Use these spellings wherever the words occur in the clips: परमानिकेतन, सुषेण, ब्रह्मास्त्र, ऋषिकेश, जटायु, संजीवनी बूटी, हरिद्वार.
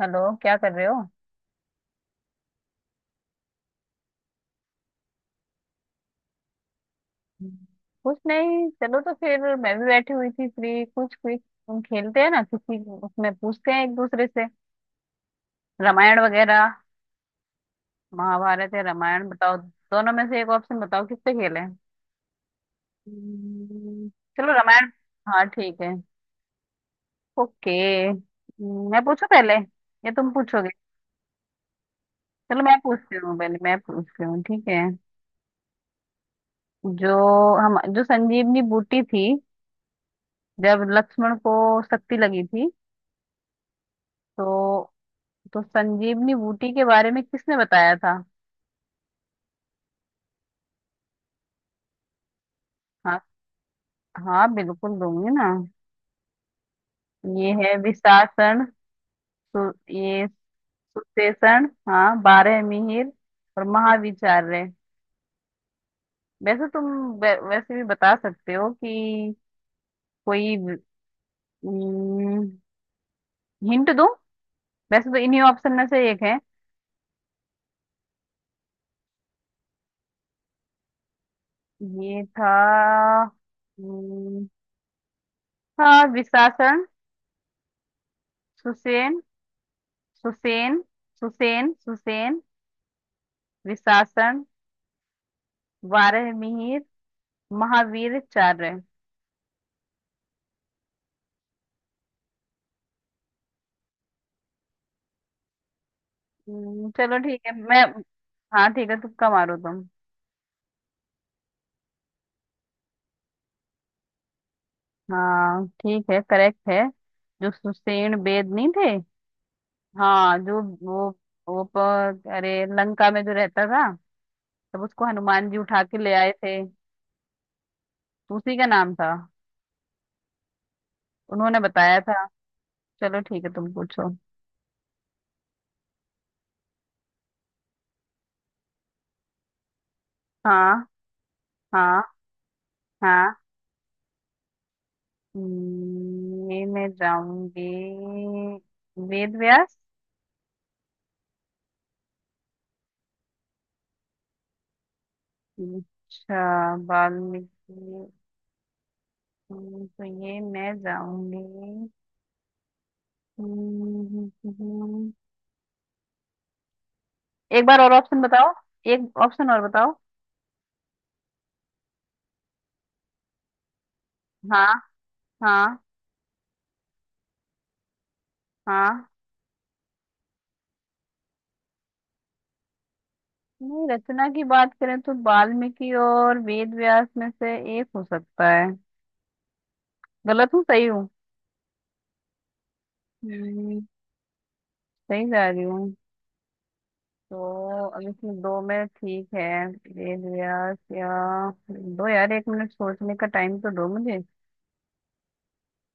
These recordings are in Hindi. हेलो, क्या कर रहे हो। कुछ नहीं, चलो तो फिर मैं भी बैठी हुई थी फ्री। कुछ क्विज हम खेलते हैं ना, किसी उसमें पूछते हैं एक दूसरे से। रामायण वगैरह। महाभारत या रामायण बताओ, दोनों में से एक ऑप्शन बताओ किस पे खेलें। हम्म, चलो रामायण। हाँ ठीक है। ओके। मैं पूछूं पहले या तुम पूछोगे? चलो मैं पूछती हूँ, पहले मैं पूछती हूँ, ठीक है। जो हम, जो संजीवनी बूटी थी, जब लक्ष्मण को शक्ति लगी थी तो तो संजीवनी बूटी के बारे में किसने बताया था? हाँ, हाँ बिल्कुल दूंगी ना। ये है विशासन, सु, ये सुशेषण, हाँ बारह मिहिर और महाविचार्य। वैसे तुम वैसे भी बता सकते हो कि, कोई हिंट दूं? वैसे तो इन्हीं ऑप्शन में से एक है। ये था। हम्म, हाँ विशासन, सुसेन सुसेन, सुसेन सुसेन विशासन, बारह मिहिर, महावीर चार है। चलो ठीक है मैं। हाँ ठीक है, तुक्का मारो तुम। हाँ ठीक है, करेक्ट है। जो सुषेण बेद नहीं थे। हाँ, जो वो, अरे लंका में जो रहता था, तब उसको हनुमान जी उठा के ले आए थे, तो उसी का नाम था, उन्होंने बताया था। चलो ठीक है, तुम पूछो। हाँ। हाँ। हाँ। ये मैं जाऊंगी वेद व्यास। अच्छा वाल्मीकि। तो ये मैं जाऊंगी। हम्म, हम्म, हम्म। एक बार और ऑप्शन बताओ। एक ऑप्शन और बताओ। हाँ। हाँ। हाँ। नहीं, रचना की बात करें तो वाल्मीकि और वेद व्यास में से एक हो सकता है। गलत हूँ, सही हूँ? हम्म, सही जा रही हूँ। तो अब इसमें दो में, ठीक है, वेद व्यास या। दो यार, 1 मिनट सोचने का टाइम तो दो मुझे।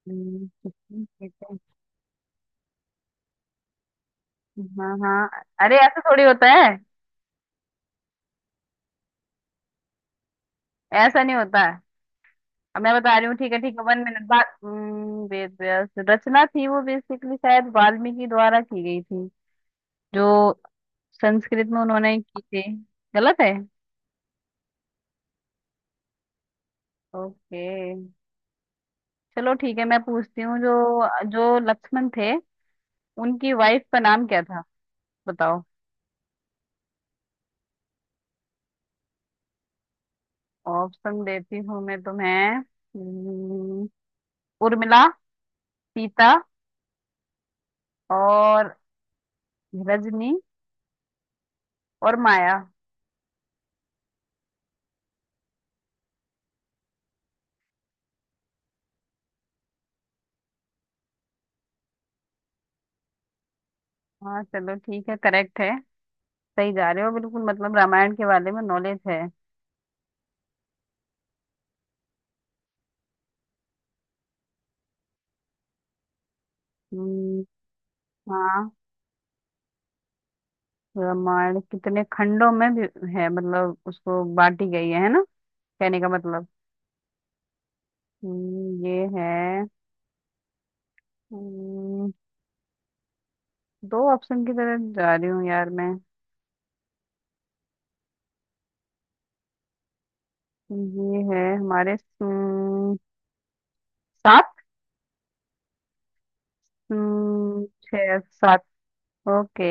ठीक है। हाँ हाँ, अरे ऐसा थोड़ी होता है। ऐसा नहीं होता है, अब मैं बता रही हूँ। ठीक है ठीक है, 1 मिनट बाद वेद व्यास रचना थी वो, बेसिकली शायद वाल्मीकि द्वारा की गई थी, जो संस्कृत में उन्होंने की थी। गलत है। ओके, चलो ठीक है मैं पूछती हूँ। जो जो लक्ष्मण थे, उनकी वाइफ का नाम क्या था? बताओ। ऑप्शन देती हूँ मैं तुम्हें। हम्म, उर्मिला, सीता और रजनी और माया। हाँ चलो, ठीक है करेक्ट है। सही जा रहे हो बिल्कुल, मतलब रामायण के बारे में नॉलेज है। हम्म, हाँ। रामायण कितने खंडों में भी है, मतलब उसको बांटी गई है ना? कहने का मतलब। ये है। हम्म, दो ऑप्शन की तरफ जा रही हूँ यार मैं। ये है हमारे, सात। छः, सात। ओके,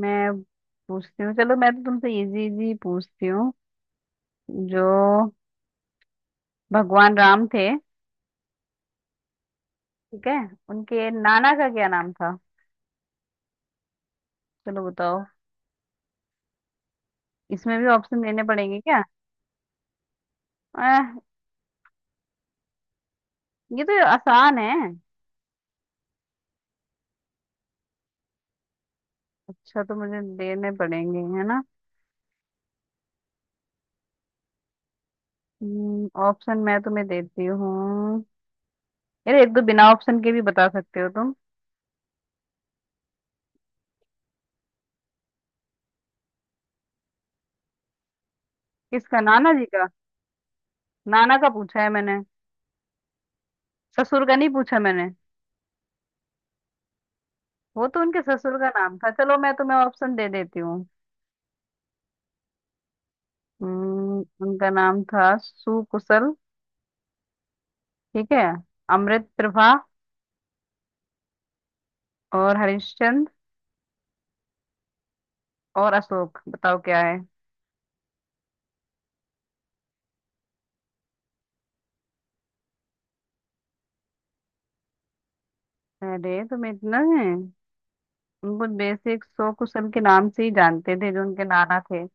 मैं पूछती हूँ। चलो मैं तो तुमसे इजी इजी पूछती हूँ। जो भगवान राम थे, ठीक है, उनके नाना का क्या नाम था? चलो बताओ। इसमें भी ऑप्शन देने पड़ेंगे क्या? आह, ये तो आसान है। अच्छा, तो मुझे देने पड़ेंगे, है ना? ऑप्शन मैं तुम्हें देती हूँ। अरे एक दो बिना ऑप्शन के भी बता सकते हो तुम। किसका? नाना जी का, नाना का पूछा है मैंने। ससुर का नहीं पूछा मैंने, वो तो उनके ससुर का नाम था। चलो मैं तुम्हें ऑप्शन दे देती हूँ। उनका नाम था सुकुशल, ठीक है, अमृत प्रभा और हरिश्चंद्र और अशोक। बताओ क्या है? अरे तुम्हें इतना है। उनको बेसिक सो कुशल के नाम से ही जानते थे, जो उनके नाना थे।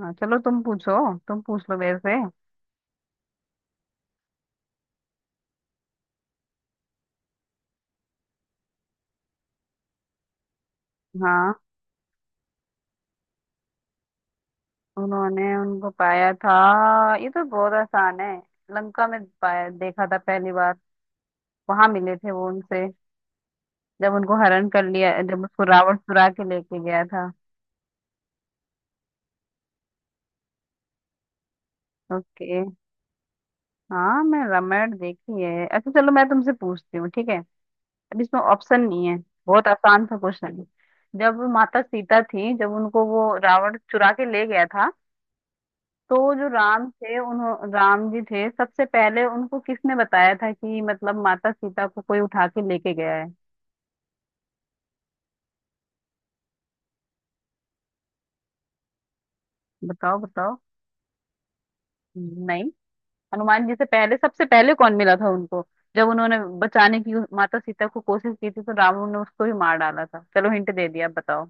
हाँ चलो तुम पूछो, तुम पूछ लो मेरे से। हाँ, उन्होंने उनको पाया था। ये तो बहुत आसान है। लंका में पाया, देखा था पहली बार। वहां मिले थे वो उनसे, जब उनको हरण कर लिया, जब उसको रावण चुरा के लेके गया था। ओके। हाँ, मैं रामायण देखी है। अच्छा चलो, मैं तुमसे पूछती हूँ, ठीक है? अब इसमें ऑप्शन नहीं है, बहुत आसान सा क्वेश्चन है। जब माता सीता थी, जब उनको वो रावण चुरा के ले गया था, तो जो राम थे, उन्हों राम जी थे, सबसे पहले उनको किसने बताया था कि, मतलब, माता सीता को कोई उठा के लेके गया है? बताओ बताओ। नहीं। हनुमान जी से पहले सबसे पहले कौन मिला था उनको, जब उन्होंने बचाने की माता सीता को कोशिश की थी, तो रावण ने उसको ही मार डाला था। चलो हिंट दे दिया, अब बताओ।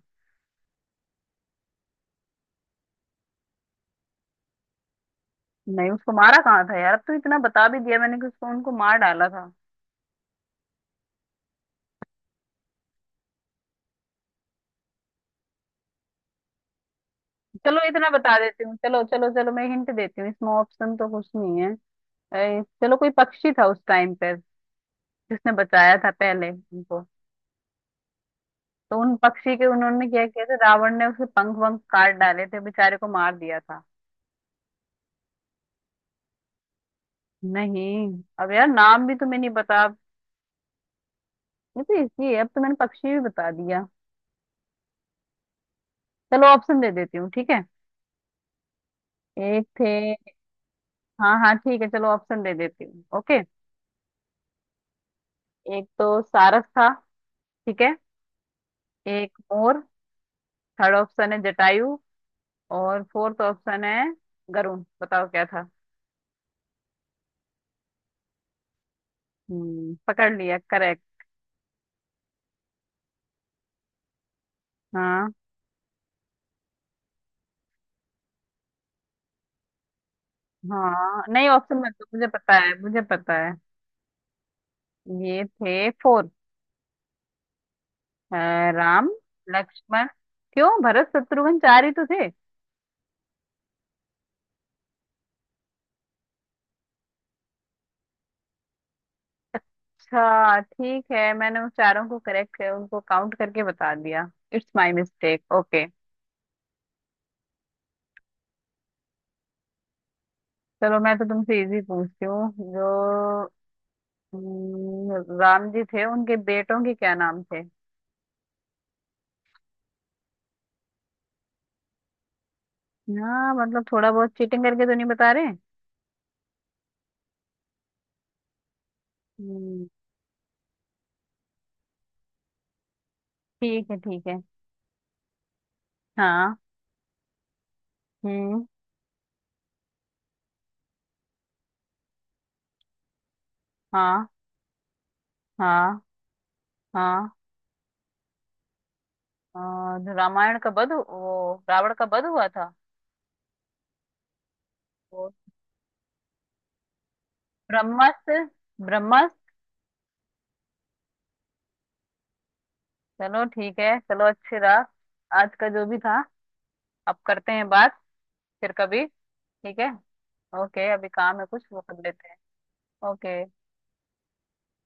नहीं, उसको मारा कहाँ था यार, अब तो इतना बता भी दिया मैंने कि उसको, उनको मार डाला था। चलो इतना बता देती हूँ। चलो चलो चलो, मैं हिंट देती हूँ। इसमें ऑप्शन तो कुछ नहीं है। चलो कोई पक्षी था उस टाइम पे, जिसने बचाया था पहले उनको। तो उन पक्षी के उन्होंने क्या किया था, रावण ने उसे पंख वंख काट डाले थे, बेचारे को मार दिया था। नहीं, अब यार नाम भी तुम्हें नहीं पता अब। ये तो इसी है, अब तो मैंने पक्षी भी बता दिया। चलो ऑप्शन दे देती हूँ, ठीक है। एक थे। हाँ हाँ ठीक है, चलो ऑप्शन दे देती हूँ। ओके, एक तो सारस था, ठीक है, एक मोर, थर्ड ऑप्शन है जटायु, और फोर्थ ऑप्शन है गरुण। बताओ क्या था? हम्म, पकड़ लिया, करेक्ट। हाँ हाँ, नहीं ऑप्शन मत दो, मुझे पता है, मुझे पता है। ये थे फोर। राम, लक्ष्मण, क्यों भरत शत्रुघ्न, चार ही तो थे। अच्छा ठीक है, मैंने उस चारों को करेक्ट कर उनको काउंट करके बता दिया, इट्स माय मिस्टेक, ओके। चलो मैं तो तुमसे इजी पूछती हूँ। जो राम जी थे, उनके बेटों के क्या नाम थे? हाँ मतलब, थोड़ा बहुत चीटिंग करके तो नहीं बता रहे? हम्म, ठीक है ठीक है। हाँ। हम्म। हाँ। हाँ। हाँ। और रामायण का वध वो रावण का वध हुआ था। वो ब्रह्मास्त्र, ब्रह्मास्त्र। चलो ठीक है, चलो अच्छी रहा आज का जो भी था। अब करते हैं बात फिर कभी। ठीक है। ओके, अभी काम है कुछ, वो कर लेते हैं। ओके।